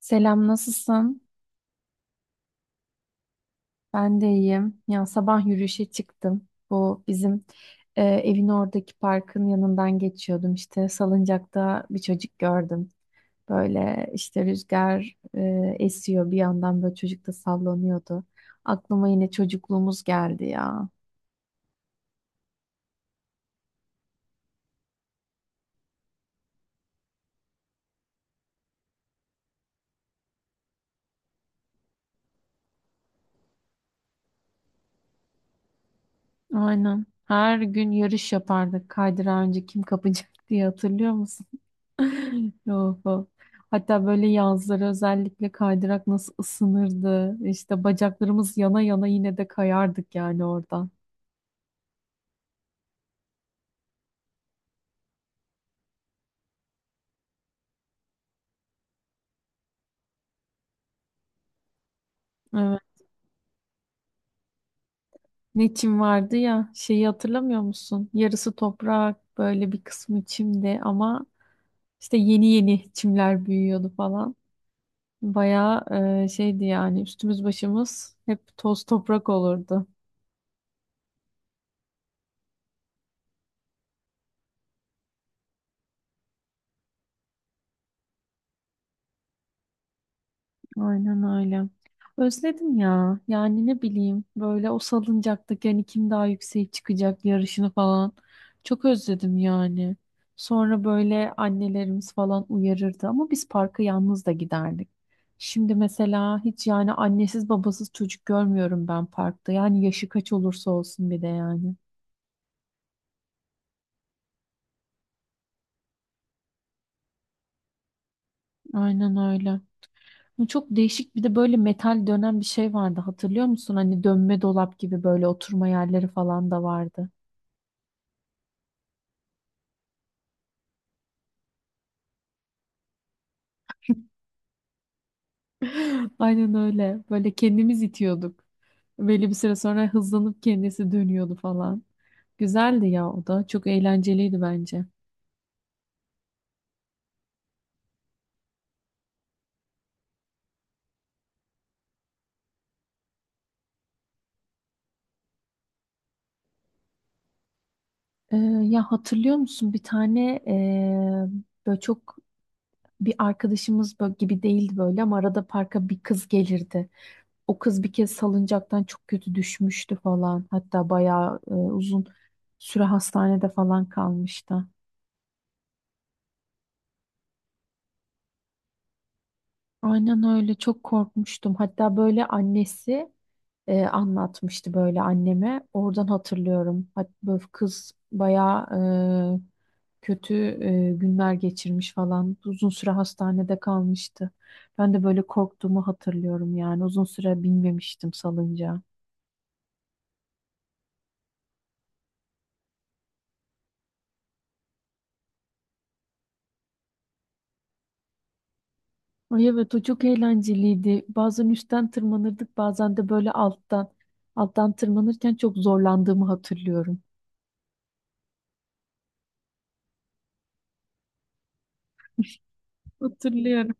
Selam, nasılsın? Ben de iyiyim. Ya sabah yürüyüşe çıktım. Bu bizim evin oradaki parkın yanından geçiyordum. İşte salıncakta bir çocuk gördüm. Böyle işte rüzgar esiyor bir yandan böyle çocuk da sallanıyordu. Aklıma yine çocukluğumuz geldi ya. Aynen. Her gün yarış yapardık. Kaydırağı önce kim kapacak diye hatırlıyor musun? Of, of. Hatta böyle yazları özellikle kaydırak nasıl ısınırdı. İşte bacaklarımız yana yana yine de kayardık yani orada. Evet. Ne çim vardı ya şeyi hatırlamıyor musun? Yarısı toprak böyle bir kısmı çimdi ama işte yeni yeni çimler büyüyordu falan. Bayağı şeydi yani üstümüz başımız hep toz toprak olurdu. Aynen öyle. Özledim ya. Yani ne bileyim böyle o salıncaktaki hani kim daha yükseğe çıkacak yarışını falan. Çok özledim yani. Sonra böyle annelerimiz falan uyarırdı ama biz parka yalnız da giderdik. Şimdi mesela hiç yani annesiz babasız çocuk görmüyorum ben parkta. Yani yaşı kaç olursa olsun bir de yani. Aynen öyle. Bu çok değişik bir de böyle metal dönen bir şey vardı hatırlıyor musun? Hani dönme dolap gibi böyle oturma yerleri falan da vardı. Aynen öyle. Böyle kendimiz itiyorduk. Belli bir süre sonra hızlanıp kendisi dönüyordu falan. Güzeldi ya o da. Çok eğlenceliydi bence. Ee, ya hatırlıyor musun bir tane böyle çok bir arkadaşımız böyle gibi değildi böyle ama arada parka bir kız gelirdi. O kız bir kez salıncaktan çok kötü düşmüştü falan. Hatta bayağı uzun süre hastanede falan kalmıştı. Aynen öyle çok korkmuştum. Hatta böyle annesi anlatmıştı böyle anneme. Oradan hatırlıyorum. Hatta böyle kız bayağı kötü günler geçirmiş falan. Uzun süre hastanede kalmıştı. Ben de böyle korktuğumu hatırlıyorum yani. Uzun süre binmemiştim salıncağa. Ay evet o çok eğlenceliydi. Bazen üstten tırmanırdık bazen de böyle alttan. Alttan tırmanırken çok zorlandığımı hatırlıyorum. Hatırlıyorum.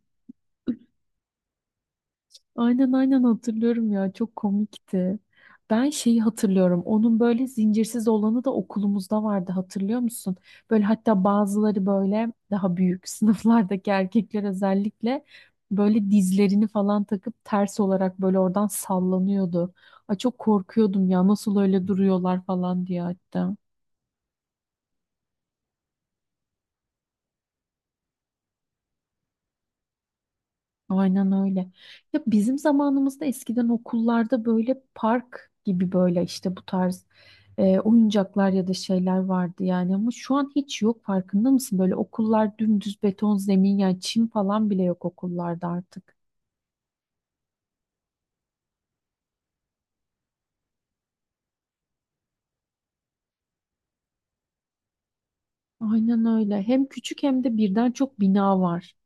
Aynen aynen hatırlıyorum ya çok komikti. Ben şeyi hatırlıyorum. Onun böyle zincirsiz olanı da okulumuzda vardı hatırlıyor musun? Böyle hatta bazıları böyle daha büyük sınıflardaki erkekler özellikle böyle dizlerini falan takıp ters olarak böyle oradan sallanıyordu. Ay çok korkuyordum ya nasıl öyle duruyorlar falan diye hatta. Aynen öyle. Ya bizim zamanımızda eskiden okullarda böyle park gibi böyle işte bu tarz oyuncaklar ya da şeyler vardı yani ama şu an hiç yok farkında mısın? Böyle okullar dümdüz beton zemin yani çim falan bile yok okullarda artık. Aynen öyle. Hem küçük hem de birden çok bina var.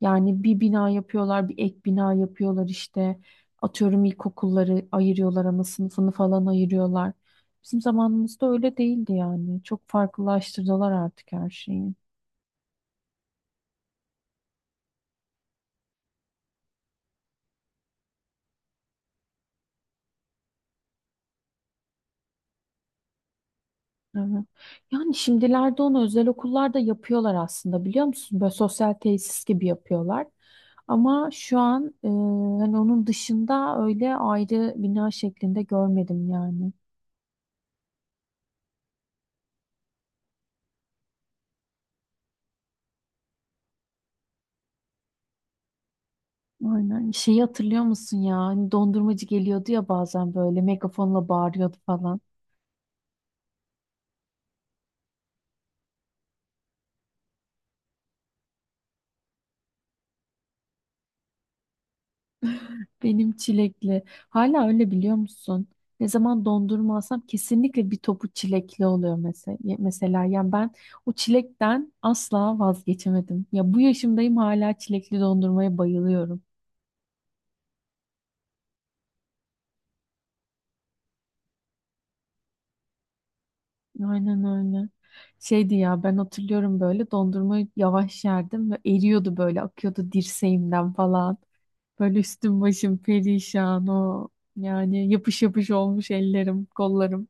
Yani bir bina yapıyorlar, bir ek bina yapıyorlar işte. Atıyorum ilkokulları ayırıyorlar, ama sınıfını falan ayırıyorlar. Bizim zamanımızda öyle değildi yani. Çok farklılaştırdılar artık her şeyi. Evet. Yani şimdilerde onu özel okullarda yapıyorlar aslında biliyor musun? Böyle sosyal tesis gibi yapıyorlar. Ama şu an hani onun dışında öyle ayrı bina şeklinde görmedim yani. Aynen. Şeyi hatırlıyor musun ya? Hani dondurmacı geliyordu ya bazen böyle megafonla bağırıyordu falan. Benim çilekli. Hala öyle biliyor musun? Ne zaman dondurma alsam kesinlikle bir topu çilekli oluyor mesela. Mesela yani ben o çilekten asla vazgeçemedim. Ya bu yaşımdayım hala çilekli dondurmaya bayılıyorum. Aynen öyle. Şeydi ya ben hatırlıyorum böyle dondurmayı yavaş yerdim ve eriyordu böyle akıyordu dirseğimden falan. Böyle üstüm başım perişan o yani yapış yapış olmuş ellerim, kollarım.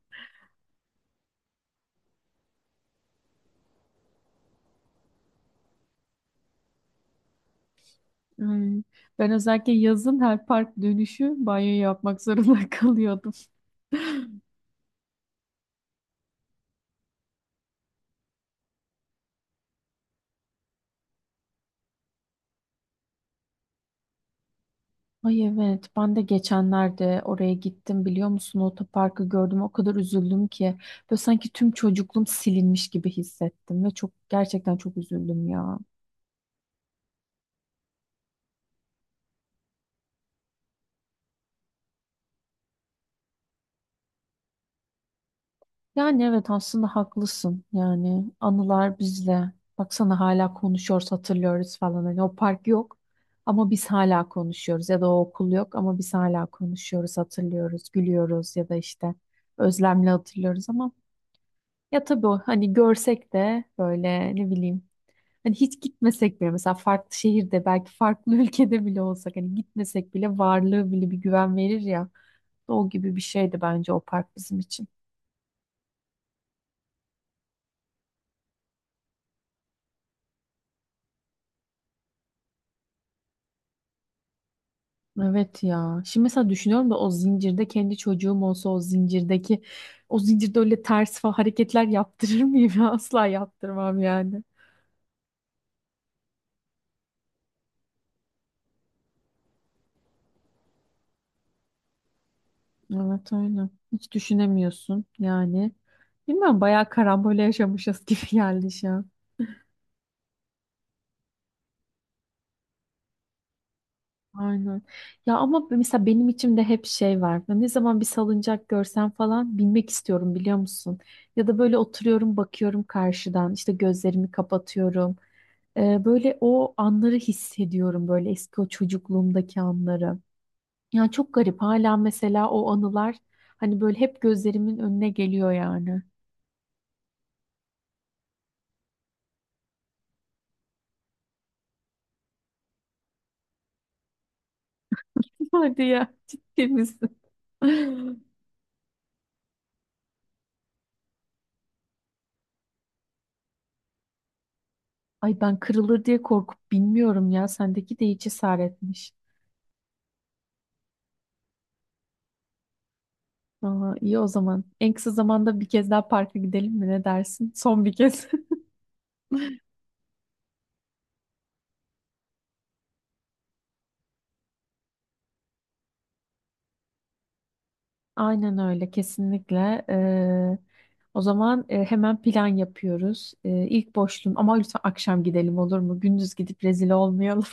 Ay, ben özellikle yazın her park dönüşü banyo yapmak zorunda kalıyordum. Ay evet ben de geçenlerde oraya gittim biliyor musun? Otoparkı gördüm o kadar üzüldüm ki. Böyle sanki tüm çocukluğum silinmiş gibi hissettim ve çok gerçekten çok üzüldüm ya. Yani evet aslında haklısın. Yani anılar bizle. Baksana hala konuşuyoruz, hatırlıyoruz falan. Hani o park yok ama biz hala konuşuyoruz. Ya da o okul yok ama biz hala konuşuyoruz, hatırlıyoruz, gülüyoruz ya da işte özlemle hatırlıyoruz ama ya tabii o hani görsek de böyle ne bileyim hani hiç gitmesek bile mesela farklı şehirde belki farklı ülkede bile olsak hani gitmesek bile varlığı bile bir güven verir ya. O gibi bir şeydi bence o park bizim için. Evet ya. Şimdi mesela düşünüyorum da o zincirde kendi çocuğum olsa o zincirdeki o zincirde öyle ters falan hareketler yaptırır mıyım ya? Asla yaptırmam yani. Evet öyle. Hiç düşünemiyorsun yani. Bilmiyorum bayağı karambole yaşamışız gibi geldi şu an. Aynen. Ya ama mesela benim içimde hep şey var. Ben ne zaman bir salıncak görsem falan binmek istiyorum biliyor musun? Ya da böyle oturuyorum bakıyorum karşıdan işte gözlerimi kapatıyorum. Böyle o anları hissediyorum böyle eski o çocukluğumdaki anları. Yani çok garip hala mesela o anılar hani böyle hep gözlerimin önüne geliyor yani. Hadi ya ciddi misin? Ay ben kırılır diye korkup bilmiyorum ya sendeki de hiç cesaretmiş. Aa, iyi o zaman. En kısa zamanda bir kez daha parka gidelim mi ne dersin? Son bir kez. Aynen öyle kesinlikle. O zaman hemen plan yapıyoruz. İlk boşluğum ama lütfen akşam gidelim olur mu? Gündüz gidip rezil olmayalım.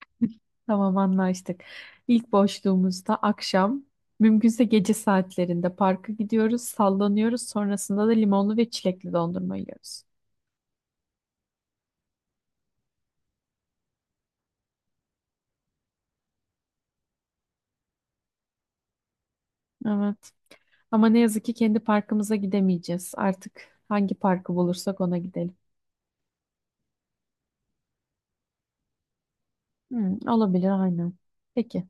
Tamam anlaştık. İlk boşluğumuzda akşam mümkünse gece saatlerinde parka gidiyoruz, sallanıyoruz. Sonrasında da limonlu ve çilekli dondurma yiyoruz. Evet. Ama ne yazık ki kendi parkımıza gidemeyeceğiz. Artık hangi parkı bulursak ona gidelim. Hmm, olabilir aynen. Peki.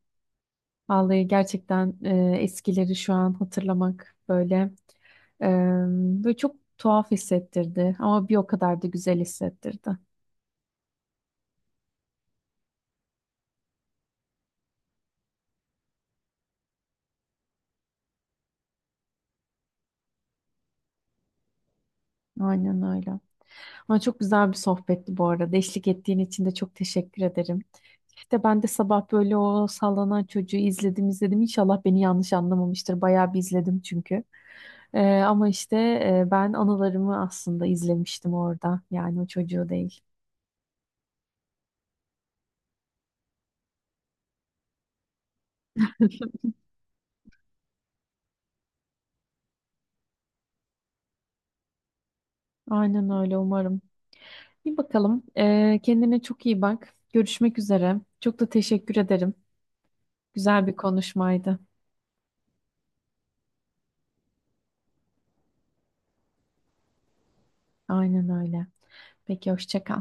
Vallahi gerçekten eskileri şu an hatırlamak böyle e, böyle çok tuhaf hissettirdi ama bir o kadar da güzel hissettirdi. Aynen öyle. Ama çok güzel bir sohbetti bu arada. Eşlik ettiğin için de çok teşekkür ederim. İşte ben de sabah böyle o sallanan çocuğu izledim. İnşallah beni yanlış anlamamıştır. Bayağı bir izledim çünkü. Ama işte ben anılarımı aslında izlemiştim orada. Yani o çocuğu değil. Aynen öyle umarım. Bir bakalım. Kendine çok iyi bak. Görüşmek üzere. Çok da teşekkür ederim. Güzel bir konuşmaydı. Aynen öyle. Peki hoşça kal.